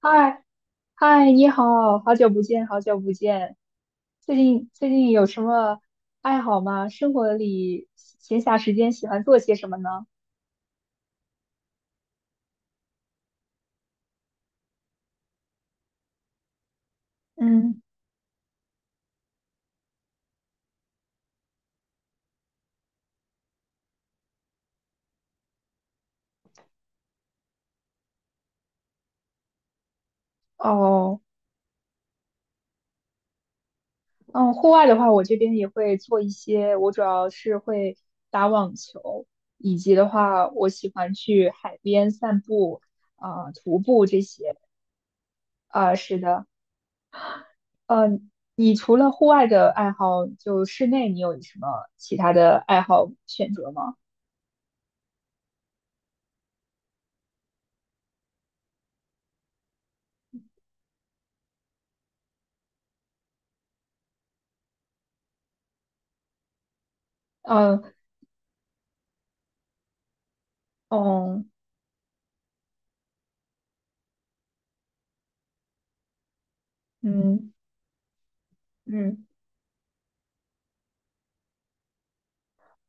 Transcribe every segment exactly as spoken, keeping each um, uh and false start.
嗨嗨，你好，好久不见，好久不见。最近最近有什么爱好吗？生活里闲暇时间喜欢做些什么呢？嗯。哦。嗯。户外的话，我这边也会做一些，我主要是会打网球，以及的话，我喜欢去海边散步，啊、徒步这些。啊、是的，嗯、你除了户外的爱好，就室内你有什么其他的爱好选择吗？嗯。哦。嗯嗯。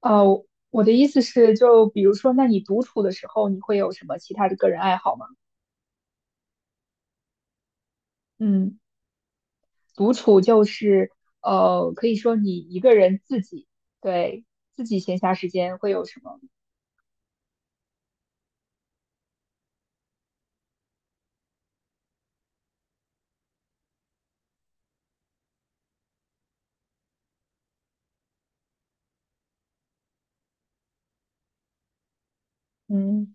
呃，我的意思是，就比如说，那你独处的时候，你会有什么其他的个人爱好吗？嗯，独处就是，呃，可以说你一个人自己，对，自己闲暇时间会有什么？嗯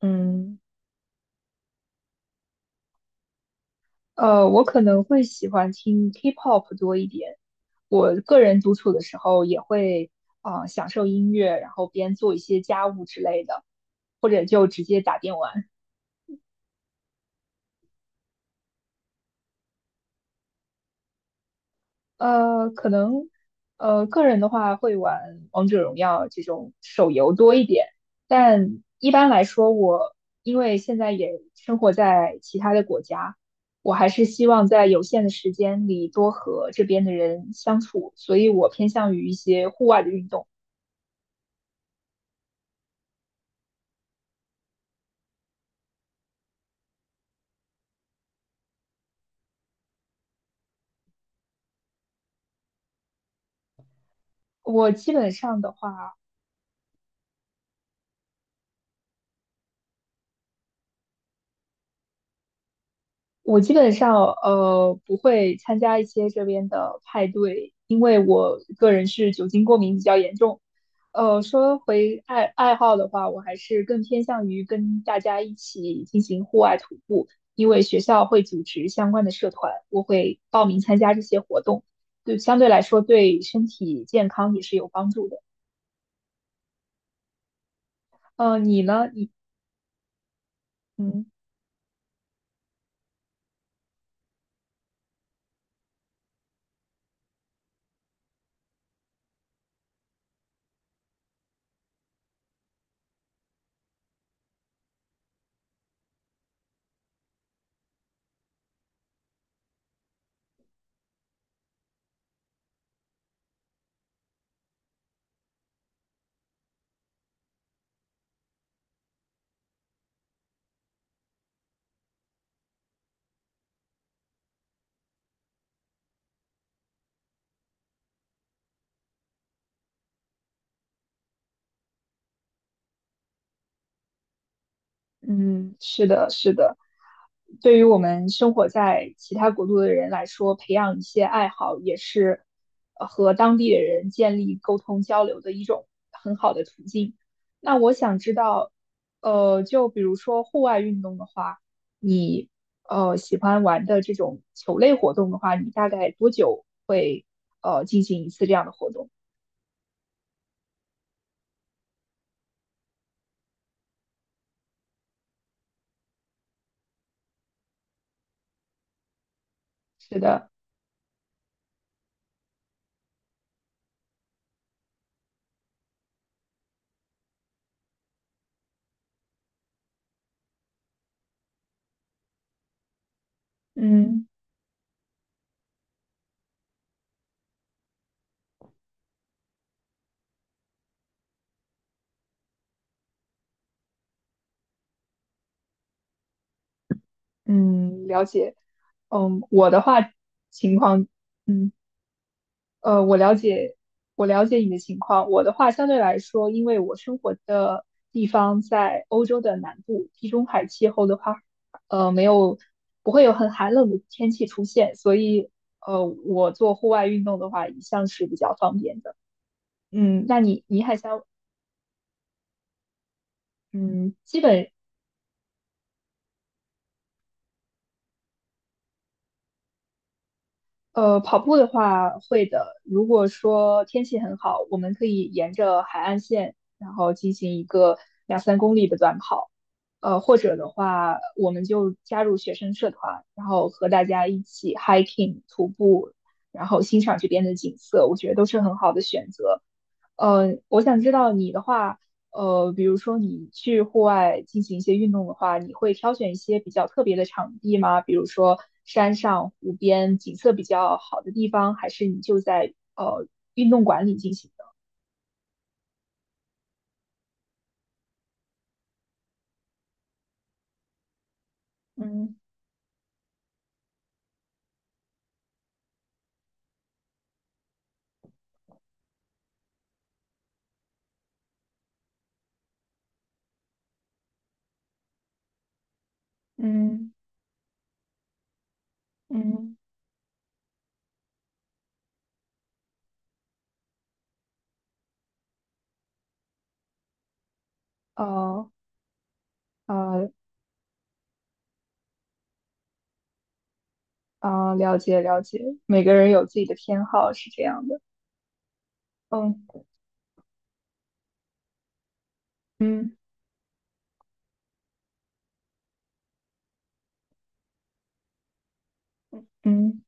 嗯。呃，我可能会喜欢听 K pop 多一点。我个人独处的时候也会，啊、呃享受音乐，然后边做一些家务之类的，或者就直接打电玩。呃，可能呃，个人的话会玩王者荣耀这种手游多一点，但一般来说我，因为现在也生活在其他的国家，我还是希望在有限的时间里多和这边的人相处，所以我偏向于一些户外的运动。我基本上的话。我基本上呃不会参加一些这边的派对，因为我个人是酒精过敏比较严重。呃，说回爱爱好的话，我还是更偏向于跟大家一起进行户外徒步，因为学校会组织相关的社团，我会报名参加这些活动，对，相对来说对身体健康也是有帮助的。呃，你呢？你嗯嗯。是的，是的。对于我们生活在其他国度的人来说，培养一些爱好也是呃和当地的人建立沟通交流的一种很好的途径。那我想知道，呃，就比如说户外运动的话，呃，喜欢玩的这种球类活动的话，你大概多久会呃进行一次这样的活动？是的。嗯嗯。了解。嗯，我的话情况，嗯。呃，我了解，我了解你的情况。我的话相对来说，因为我生活的地方在欧洲的南部，地中海气候的话，呃，没有，不会有很寒冷的天气出现，所以，呃，我做户外运动的话，一向是比较方便的。嗯，那你你还想，嗯，基本呃，跑步的话会的。如果说天气很好，我们可以沿着海岸线，然后进行一个两三公里的短跑。呃，或者的话，我们就加入学生社团，然后和大家一起 hiking 徒步，然后欣赏这边的景色，我觉得都是很好的选择。呃，我想知道你的话，呃，比如说你去户外进行一些运动的话，你会挑选一些比较特别的场地吗？比如说山上、湖边，景色比较好的地方，还是你就在呃运动馆里进行的？嗯嗯嗯。哦。啊啊，了解了解，每个人有自己的偏好，是这样的。嗯嗯嗯嗯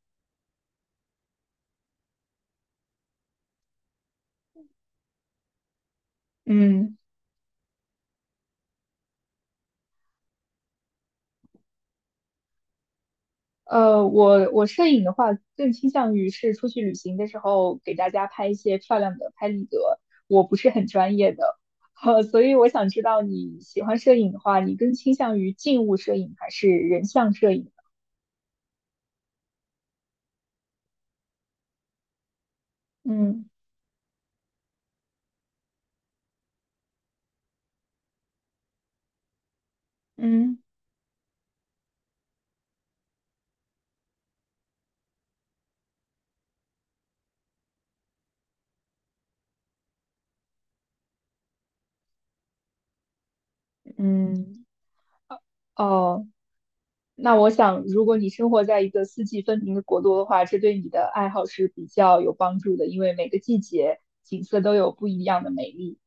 嗯。呃，我我摄影的话，更倾向于是出去旅行的时候给大家拍一些漂亮的拍立得，我不是很专业的，呃，所以我想知道你喜欢摄影的话，你更倾向于静物摄影还是人像摄影？嗯嗯嗯。哦。那我想，如果你生活在一个四季分明的国度的话，这对你的爱好是比较有帮助的，因为每个季节景色都有不一样的美丽。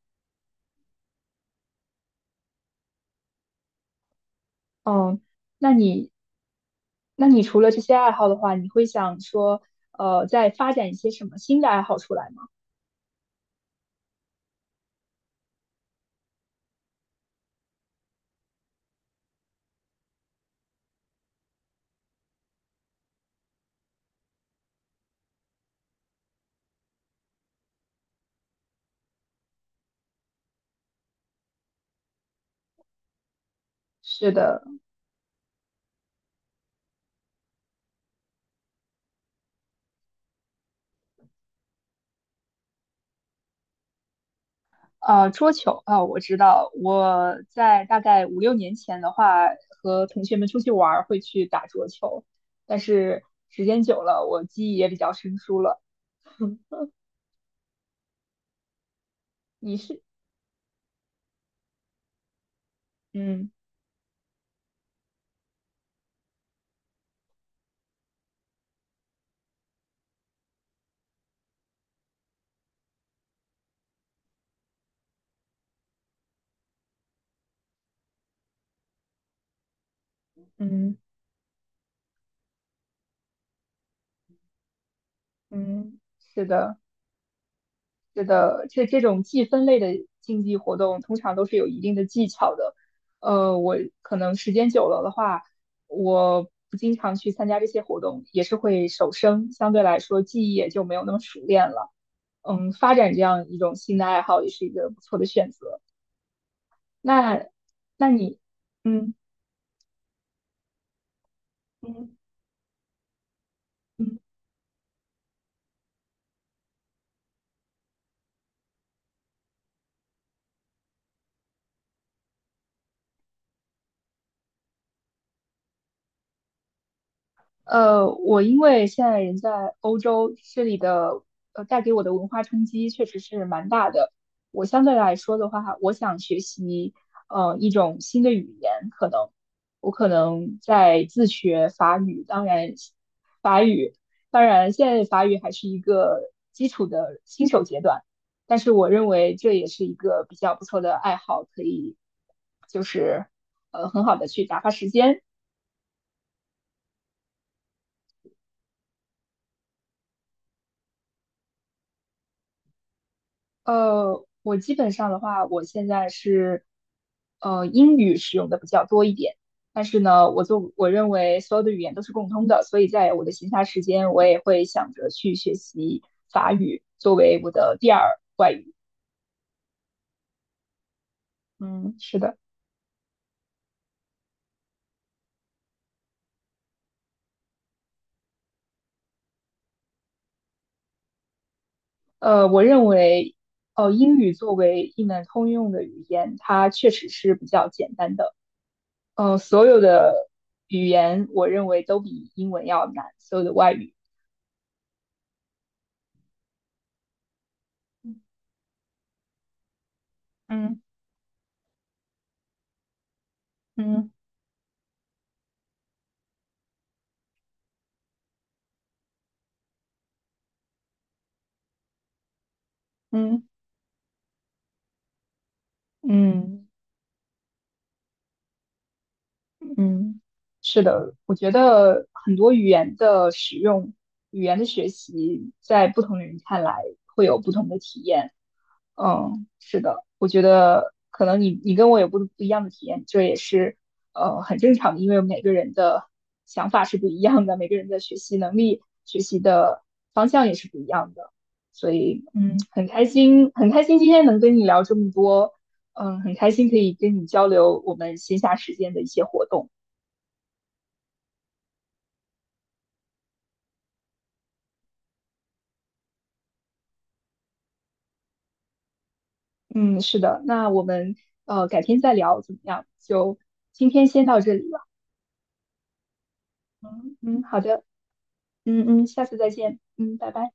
哦。那你，那你除了这些爱好的话，你会想说，呃，再发展一些什么新的爱好出来吗？是的。呃，桌球啊，我知道，我在大概五六年前的话，和同学们出去玩儿会去打桌球，但是时间久了，我记忆也比较生疏了。你是，嗯嗯嗯。是的。是的，这这种计分类的竞技活动通常都是有一定的技巧的。呃，我可能时间久了的话，我不经常去参加这些活动，也是会手生，相对来说记忆也就没有那么熟练了。嗯，发展这样一种新的爱好也是一个不错的选择。那，那你，嗯嗯。嗯。呃，我因为现在人在欧洲，这里的呃带给我的文化冲击确实是蛮大的。我相对来说的话，我想学习呃一种新的语言，可能我可能在自学法语，当然法语，当然现在法语还是一个基础的新手阶段，但是我认为这也是一个比较不错的爱好，可以就是呃很好的去打发时间。呃，我基本上的话，我现在是呃英语使用的比较多一点，但是呢，我做我认为所有的语言都是共通的，所以在我的闲暇时间，我也会想着去学习法语作为我的第二外语。嗯，是的。呃，我认为呃英语作为一门通用的语言，它确实是比较简单的。呃，所有的语言我认为都比英文要难，所有的外语。嗯嗯嗯。嗯嗯。嗯，是的，我觉得很多语言的使用、语言的学习，在不同的人看来会有不同的体验。嗯，是的，我觉得可能你你跟我有不不一样的体验，这也是呃很正常的，因为每个人的想法是不一样的，每个人的学习能力、学习的方向也是不一样的，所以嗯，很开心，很开心今天能跟你聊这么多，嗯，很开心可以跟你交流我们闲暇时间的一些活动。嗯，是的，那我们呃改天再聊怎么样？就今天先到这里了。嗯，好的，嗯嗯，下次再见。嗯，拜拜。